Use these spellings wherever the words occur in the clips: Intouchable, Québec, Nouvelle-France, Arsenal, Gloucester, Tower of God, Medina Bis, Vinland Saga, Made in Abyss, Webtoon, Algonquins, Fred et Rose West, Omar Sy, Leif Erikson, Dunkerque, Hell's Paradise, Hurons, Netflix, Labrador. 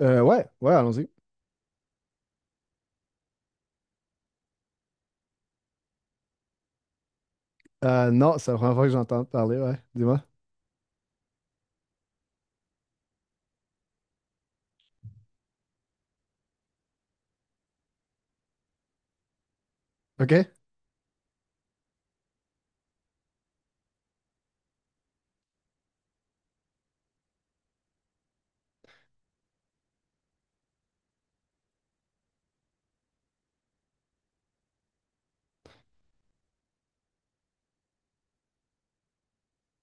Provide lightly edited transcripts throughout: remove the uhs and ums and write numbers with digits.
Ouais, ouais, allons-y. Non, c'est la première fois que j'entends parler, ouais. Dis-moi. OK?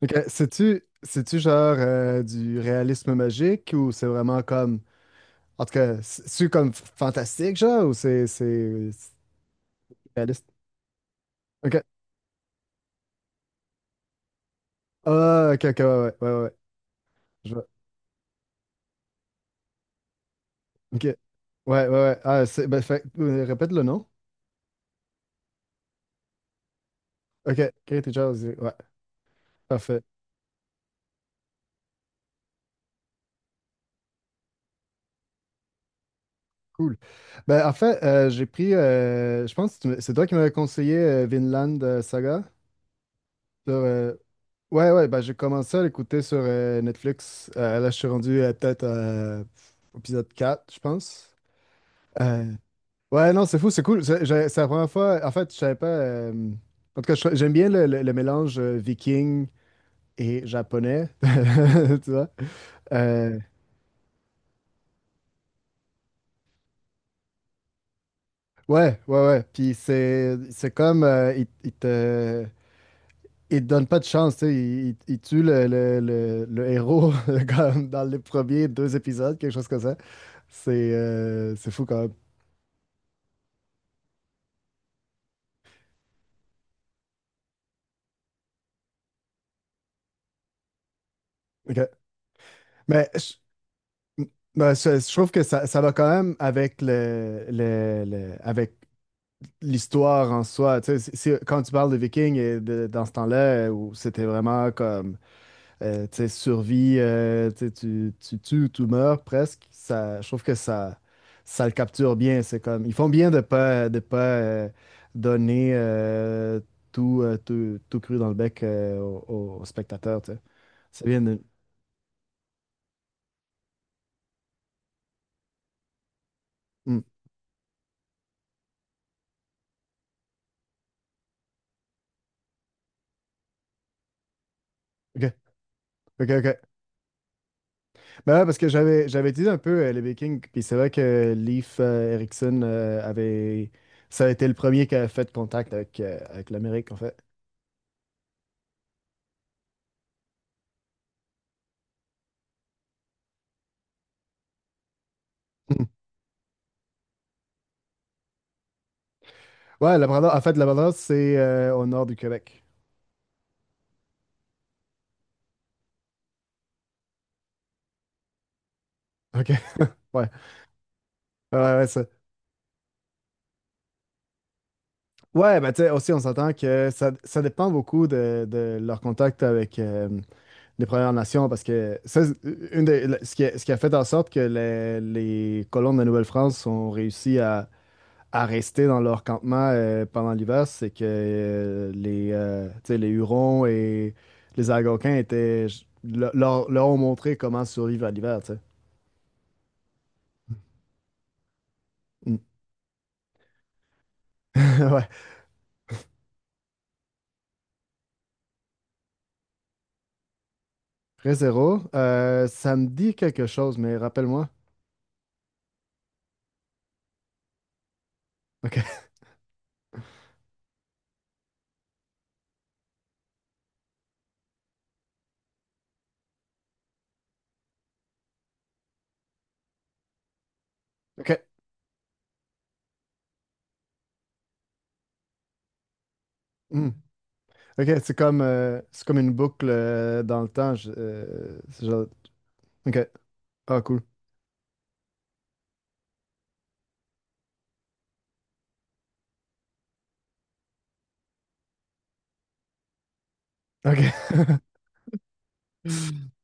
OK. C'est-tu genre, du réalisme magique ou c'est vraiment comme. En tout cas, c'est-tu comme fantastique, genre, ou c'est réaliste? OK. Ah, OK, OK, ouais, ouais, ouais, ouais. Ouais. Je vois. OK. Ouais, ouais, ouais. Ah, c'est. Ben, répète le nom. OK. Creative Jazz, ouais. Parfait. Cool. Ben, en fait, j'ai pris. Je pense que c'est toi qui m'avais conseillé Vinland Saga. Sur, euh, Ouais, ouais, bah, j'ai commencé à l'écouter sur Netflix. Là, je suis rendu peut-être au épisode 4, je pense. Euh, ouais, non, c'est fou, c'est cool. C'est la première fois. En fait, je savais pas. En tout cas, j'aime bien le mélange viking et japonais. Tu vois? Euh, ouais, ouais, ouais. Puis c'est comme. Il te donne pas de chance, tu sais. Il tue le héros comme dans les premiers deux épisodes, quelque chose comme. C'est fou quand même. Ok. Mais ben, je trouve que ça va quand même avec avec l'histoire en soi. Tu sais, quand tu parles de Vikings et dans ce temps-là, où c'était vraiment comme, tu sais, survie, tu sais, tu tues ou tu meurs presque, ça, je trouve que ça le capture bien. C'est comme ils font bien de pas donner tout cru dans le bec aux spectateurs, tu sais. C'est bien. Mm. Ok, ok, ok. Ben ouais, parce que j'avais utilisé un peu, les Vikings, puis c'est vrai que Leif Erikson avait. Ça a été le premier qui a fait contact avec l'Amérique, en fait. Mhm. Ouais, Labrador, en fait, Labrador, c'est au nord du Québec. Ok, ouais, ouais, ouais, ça. Ouais, ben tu sais, aussi, on s'entend que ça dépend beaucoup de leur contact avec, les Premières Nations, parce que ça, c'est ce qui a fait en sorte que les colons de la Nouvelle-France ont réussi à rester dans leur campement, pendant l'hiver, c'est que, tu sais, les Hurons et les Algonquins étaient, leur ont montré comment survivre à l'hiver, tu sais. Mm. Ouais. Ray, ça me dit quelque chose, mais rappelle-moi. OK. OK. Mm. OK, c'est comme une boucle dans le temps. OK. Ah, cool. OK.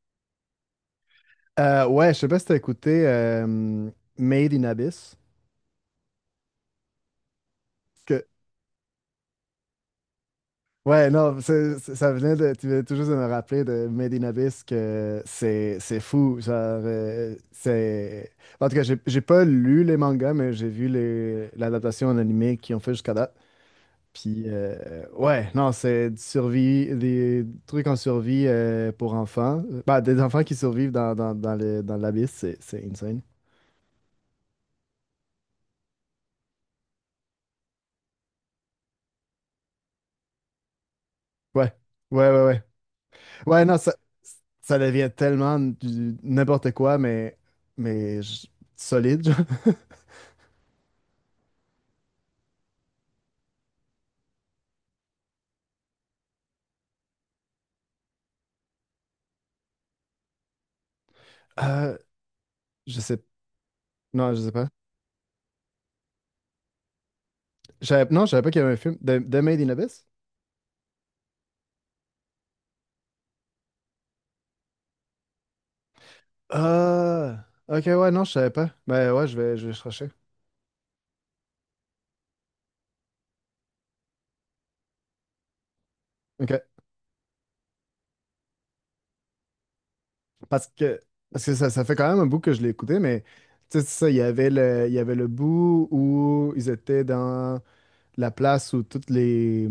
Ouais, je sais pas si t'as écouté Made in Abyss. Que Ouais, non, c'est- ça venait de. Tu venais tout juste de me rappeler de Medina Bis que c'est fou. Genre, c'est. En tout cas, j'ai pas lu les mangas, mais j'ai vu l'adaptation en animé qu'ils ont fait jusqu'à date. Puis, ouais, non, c'est du survie, des trucs en survie, pour enfants. Bah, des enfants qui survivent dans l'abysse, c'est insane. Ouais, ouais, ouais, ouais. Ouais, non, ça devient tellement n'importe quoi, mais solide, genre. Euh, je sais. Non, je sais pas. Non, je savais pas qu'il y avait un film. The Made in Abyss? Ah, ok, ouais, non, je savais pas. Ben ouais, je vais chercher. Ok. Parce que, parce que ça, ça fait quand même un bout que je l'ai écouté, mais tu sais, c'est ça, il y avait le bout où ils étaient dans la place où toutes les.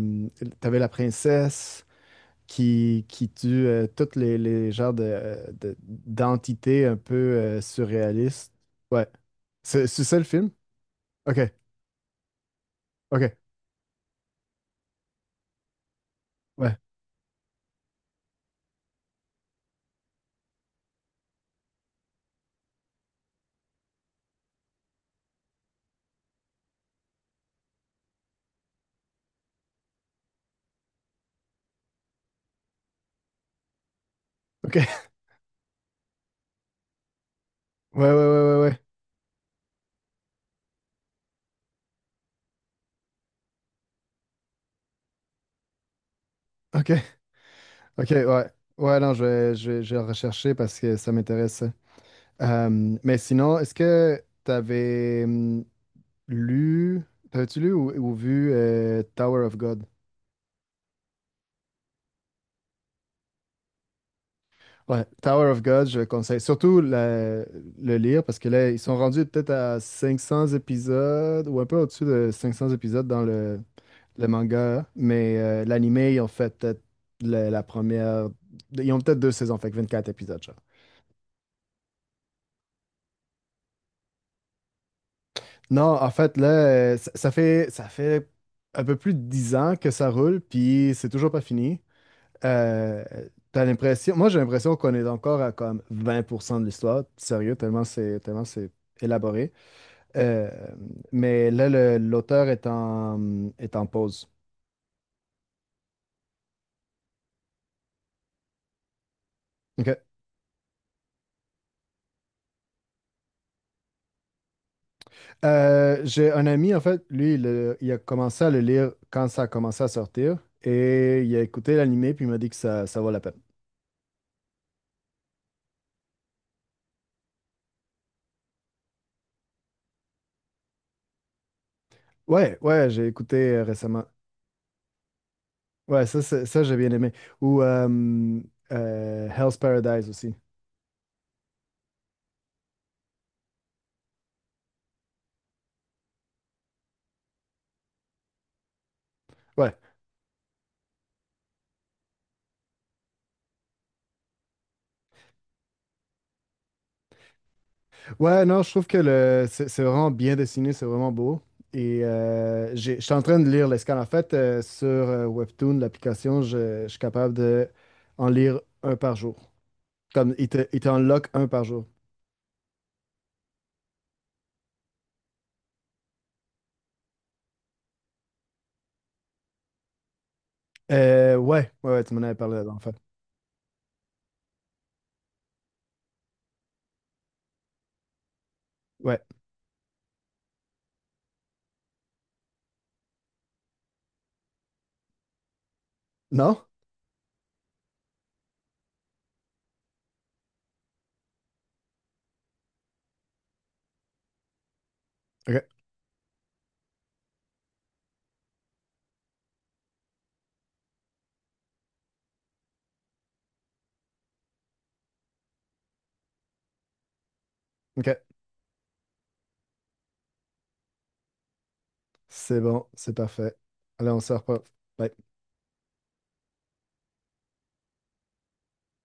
T'avais la princesse qui tue toutes les genres d'entités un peu surréalistes. Ouais. C'est ça le film? Ok, ok. Ouais. Ok. Ouais, ouais, ouais, ouais, ouais. Ok. Ok, ouais. Ouais, non, je vais le rechercher parce que ça m'intéresse. Mais sinon, est-ce que lu, t'avais-tu lu ou vu Tower of God? Ouais, Tower of God, je conseille surtout le lire parce que là, ils sont rendus peut-être à 500 épisodes ou un peu au-dessus de 500 épisodes dans le manga, mais l'anime, ils ont fait peut-être la première. Ils ont peut-être deux saisons, fait que 24 épisodes, genre. Non, en fait, là, ça, ça fait un peu plus de 10 ans que ça roule, puis c'est toujours pas fini. Euh, T'as l'impression, moi, j'ai l'impression qu'on est encore à comme 20% de l'histoire, sérieux, tellement c'est élaboré. Euh, mais là, l'auteur est en pause. OK. J'ai un ami, en fait, lui, il a commencé à le lire quand ça a commencé à sortir, et il a écouté l'animé, puis il m'a dit que ça vaut la peine. Ouais, ouais, j'ai écouté, récemment. Ouais, ça, j'ai bien aimé. Ou Hell's Paradise aussi. Ouais. Ouais, non, je trouve que le, c'est vraiment bien dessiné, c'est vraiment beau. Et je suis en train de lire les scans. En fait, sur Webtoon, l'application, je suis capable de en lire un par jour. Comme il t'en lock un par jour. Ouais, ouais, ouais, tu m'en avais parlé là en fait. Ouais. Non? Ok, ok. C'est bon, c'est parfait. Allez, on se reparle. Bye.